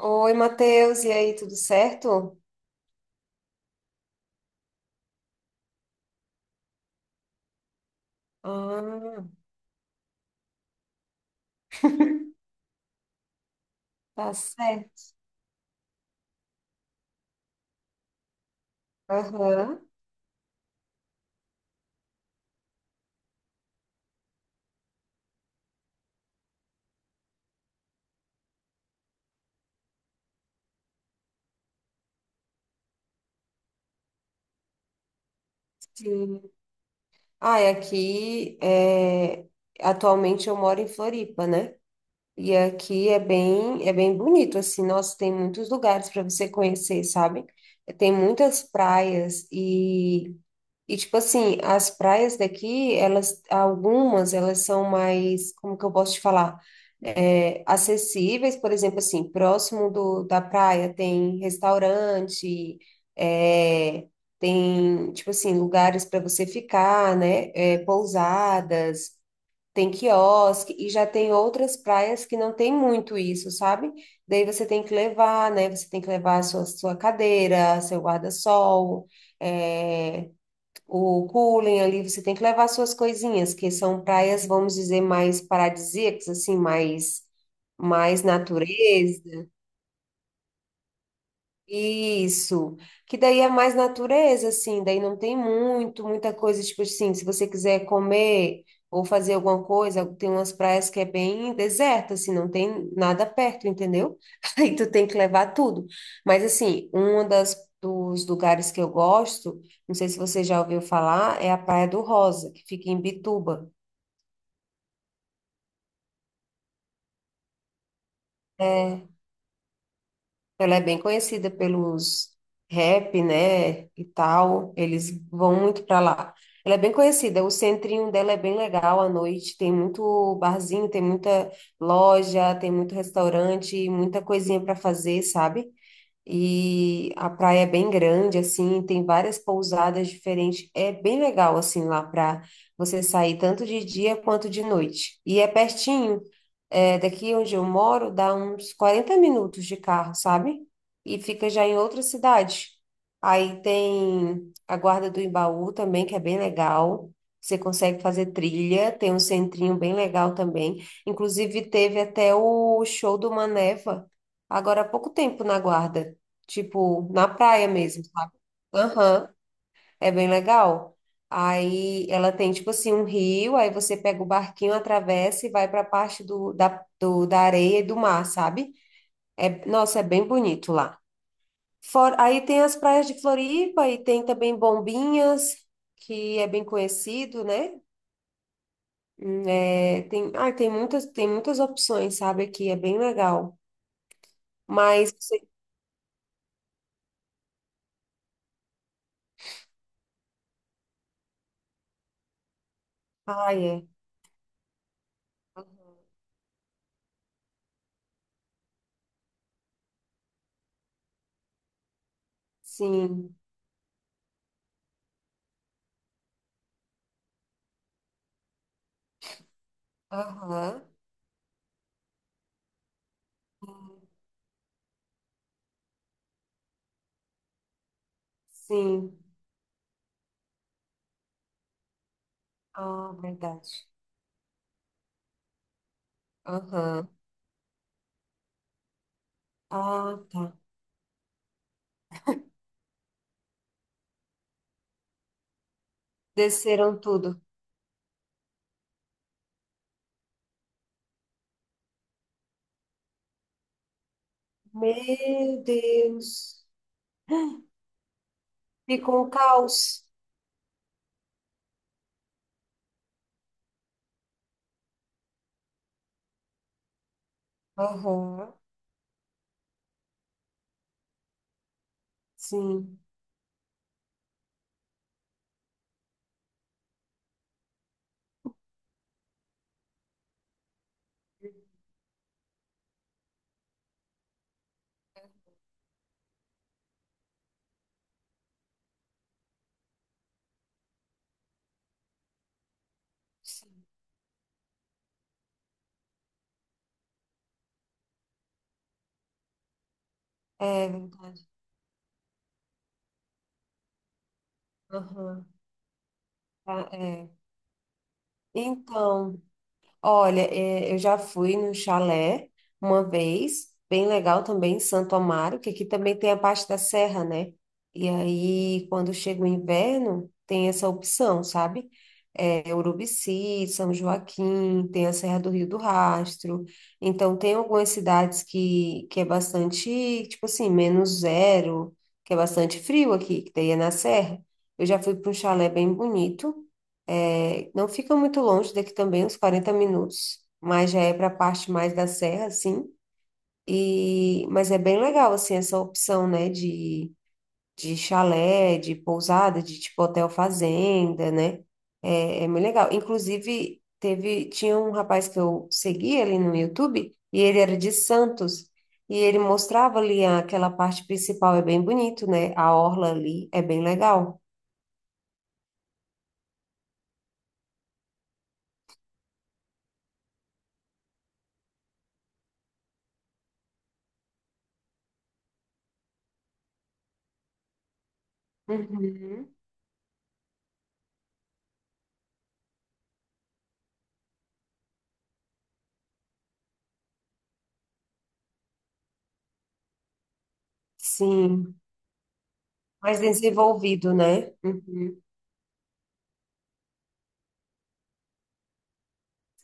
Oi, Matheus, e aí, tudo certo? Ah, tá certo. Aham, sim. Ah, e aqui, atualmente eu moro em Floripa, né? E aqui é bem bonito, assim, nossa, tem muitos lugares para você conhecer, sabe? Tem muitas praias e, tipo assim, as praias daqui, elas, algumas, elas são mais, como que eu posso te falar? Acessíveis, por exemplo, assim, próximo do, da praia tem restaurante, é, tem, tipo assim, lugares para você ficar, né? É, pousadas, tem quiosque, e já tem outras praias que não tem muito isso, sabe? Daí você tem que levar, né? Você tem que levar a sua, sua cadeira, seu guarda-sol, é o cooling ali, você tem que levar suas coisinhas, que são praias, vamos dizer, mais paradisíacas, assim, mais, mais natureza, isso, que daí é mais natureza, assim, daí não tem muito, muita coisa, tipo assim, se você quiser comer ou fazer alguma coisa, tem umas praias que é bem deserta, assim, não tem nada perto, entendeu? Aí tu tem que levar tudo. Mas assim, um das, dos lugares que eu gosto, não sei se você já ouviu falar, é a Praia do Rosa, que fica em Bituba. Ela é bem conhecida pelos rap, né, e tal. Eles vão muito para lá. Ela é bem conhecida. O centrinho dela é bem legal à noite. Tem muito barzinho, tem muita loja, tem muito restaurante, muita coisinha para fazer, sabe? E a praia é bem grande, assim, tem várias pousadas diferentes. É bem legal, assim, lá para você sair tanto de dia quanto de noite. E é pertinho. É, daqui onde eu moro, dá uns 40 minutos de carro, sabe? E fica já em outra cidade. Aí tem a Guarda do Embaú também, que é bem legal. Você consegue fazer trilha, tem um centrinho bem legal também. Inclusive, teve até o show do Maneva, agora há pouco tempo na Guarda, tipo, na praia mesmo, sabe? Aham. É bem legal. Aí ela tem tipo assim um rio, aí você pega o barquinho, atravessa e vai para a parte da areia e do mar, sabe? É, nossa, é bem bonito lá. Fora, aí tem as praias de Floripa e tem também Bombinhas, que é bem conhecido, né? Ah, tem muitas opções, sabe? Aqui é bem legal. Mas você. Ah, é. Sim. Aham. Sim. Ah, verdade. Aham. Ah, tá. Desceram tudo. Meu Deus. Ficou um caos. Aham. Sim. Sim. É verdade. Aham. Tá, é. Então. Olha, é, eu já fui no chalé uma vez, bem legal também, em Santo Amaro, que aqui também tem a parte da serra, né? E aí, quando chega o inverno, tem essa opção, sabe? É, Urubici, São Joaquim, tem a Serra do Rio do Rastro. Então, tem algumas cidades que é bastante, tipo assim, menos zero, que é bastante frio aqui, que daí é na serra. Eu já fui para um chalé bem bonito. É, não fica muito longe daqui também, uns 40 minutos, mas já é para a parte mais da serra, assim. E, mas é bem legal, assim, essa opção, né, de chalé, de pousada, de tipo hotel fazenda, né? É, é muito legal. Inclusive, teve, tinha um rapaz que eu seguia ali no YouTube, e ele era de Santos, e ele mostrava ali aquela parte principal, é bem bonito, né? A orla ali é bem legal. Uhum. Sim. Mais desenvolvido, né? Uhum.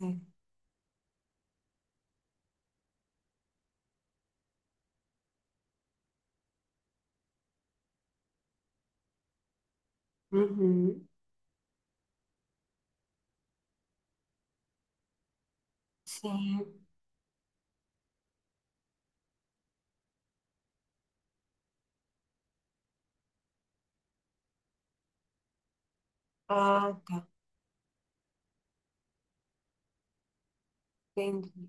É. Uhum. Sim. Ah, tá. Entendi.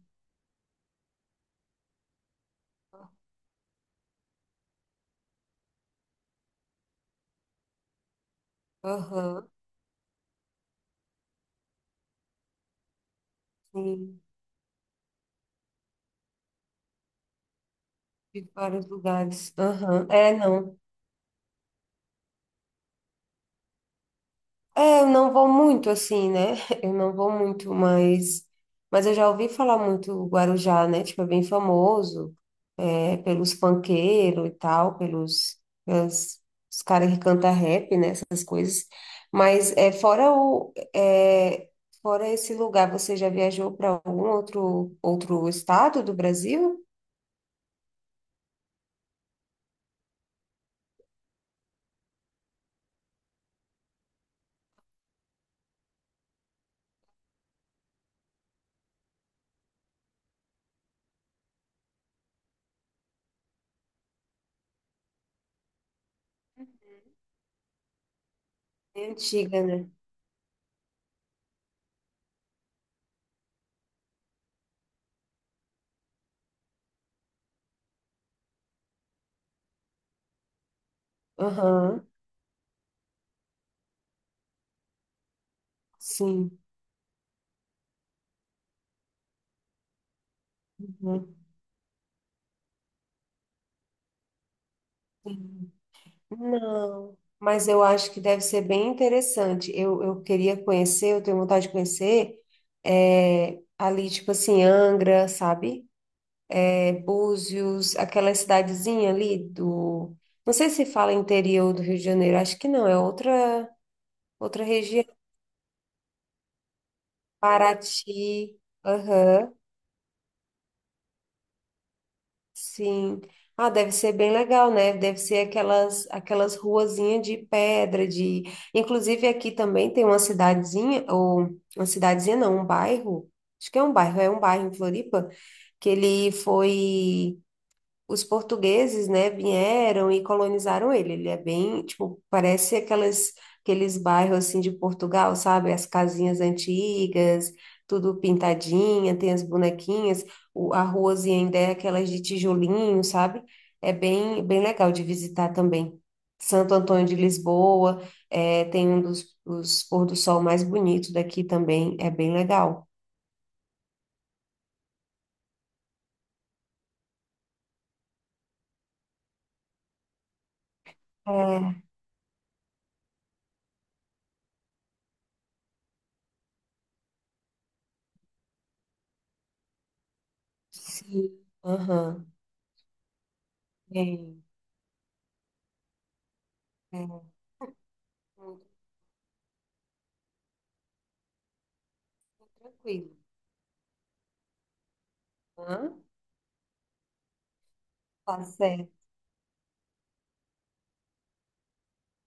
Aham. Sim. De vários lugares. Aham. É, não. É, eu não vou muito assim, né? Eu não vou muito, mas, eu já ouvi falar muito o Guarujá, né? Tipo, é bem famoso, é, pelos funkeiros e tal, pelas- os caras que cantam rap, né? Essas coisas. Mas é, fora o, é, fora esse lugar, você já viajou para algum outro estado do Brasil? É antiga, né? Aham, sim. Uhum. Não, mas eu acho que deve ser bem interessante. Eu queria conhecer, eu tenho vontade de conhecer, é, ali, tipo assim, Angra, sabe? É, Búzios, aquela cidadezinha ali do. Não sei se fala interior do Rio de Janeiro, acho que não, é outra, outra região. Paraty, aham. Sim. Ah, deve ser bem legal, né? Deve ser aquelas ruazinhas de pedra, de... Inclusive aqui também tem uma cidadezinha, ou uma cidadezinha não, um bairro, acho que é um bairro em Floripa, que ele foi os portugueses, né, vieram e colonizaram ele. Ele é bem, tipo, parece aquelas, aqueles bairros assim de Portugal, sabe? As casinhas antigas, tudo pintadinha, tem as bonequinhas, o, a ruazinha ainda é aquelas de tijolinho, sabe? É bem, bem legal de visitar também. Santo Antônio de Lisboa, é, tem um dos pôr do sol mais bonito daqui também, é bem legal. É, sim. Aham, é, é, muito tranquilo. Tá certo.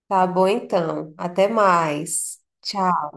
Tá bom então. Até mais. Tchau.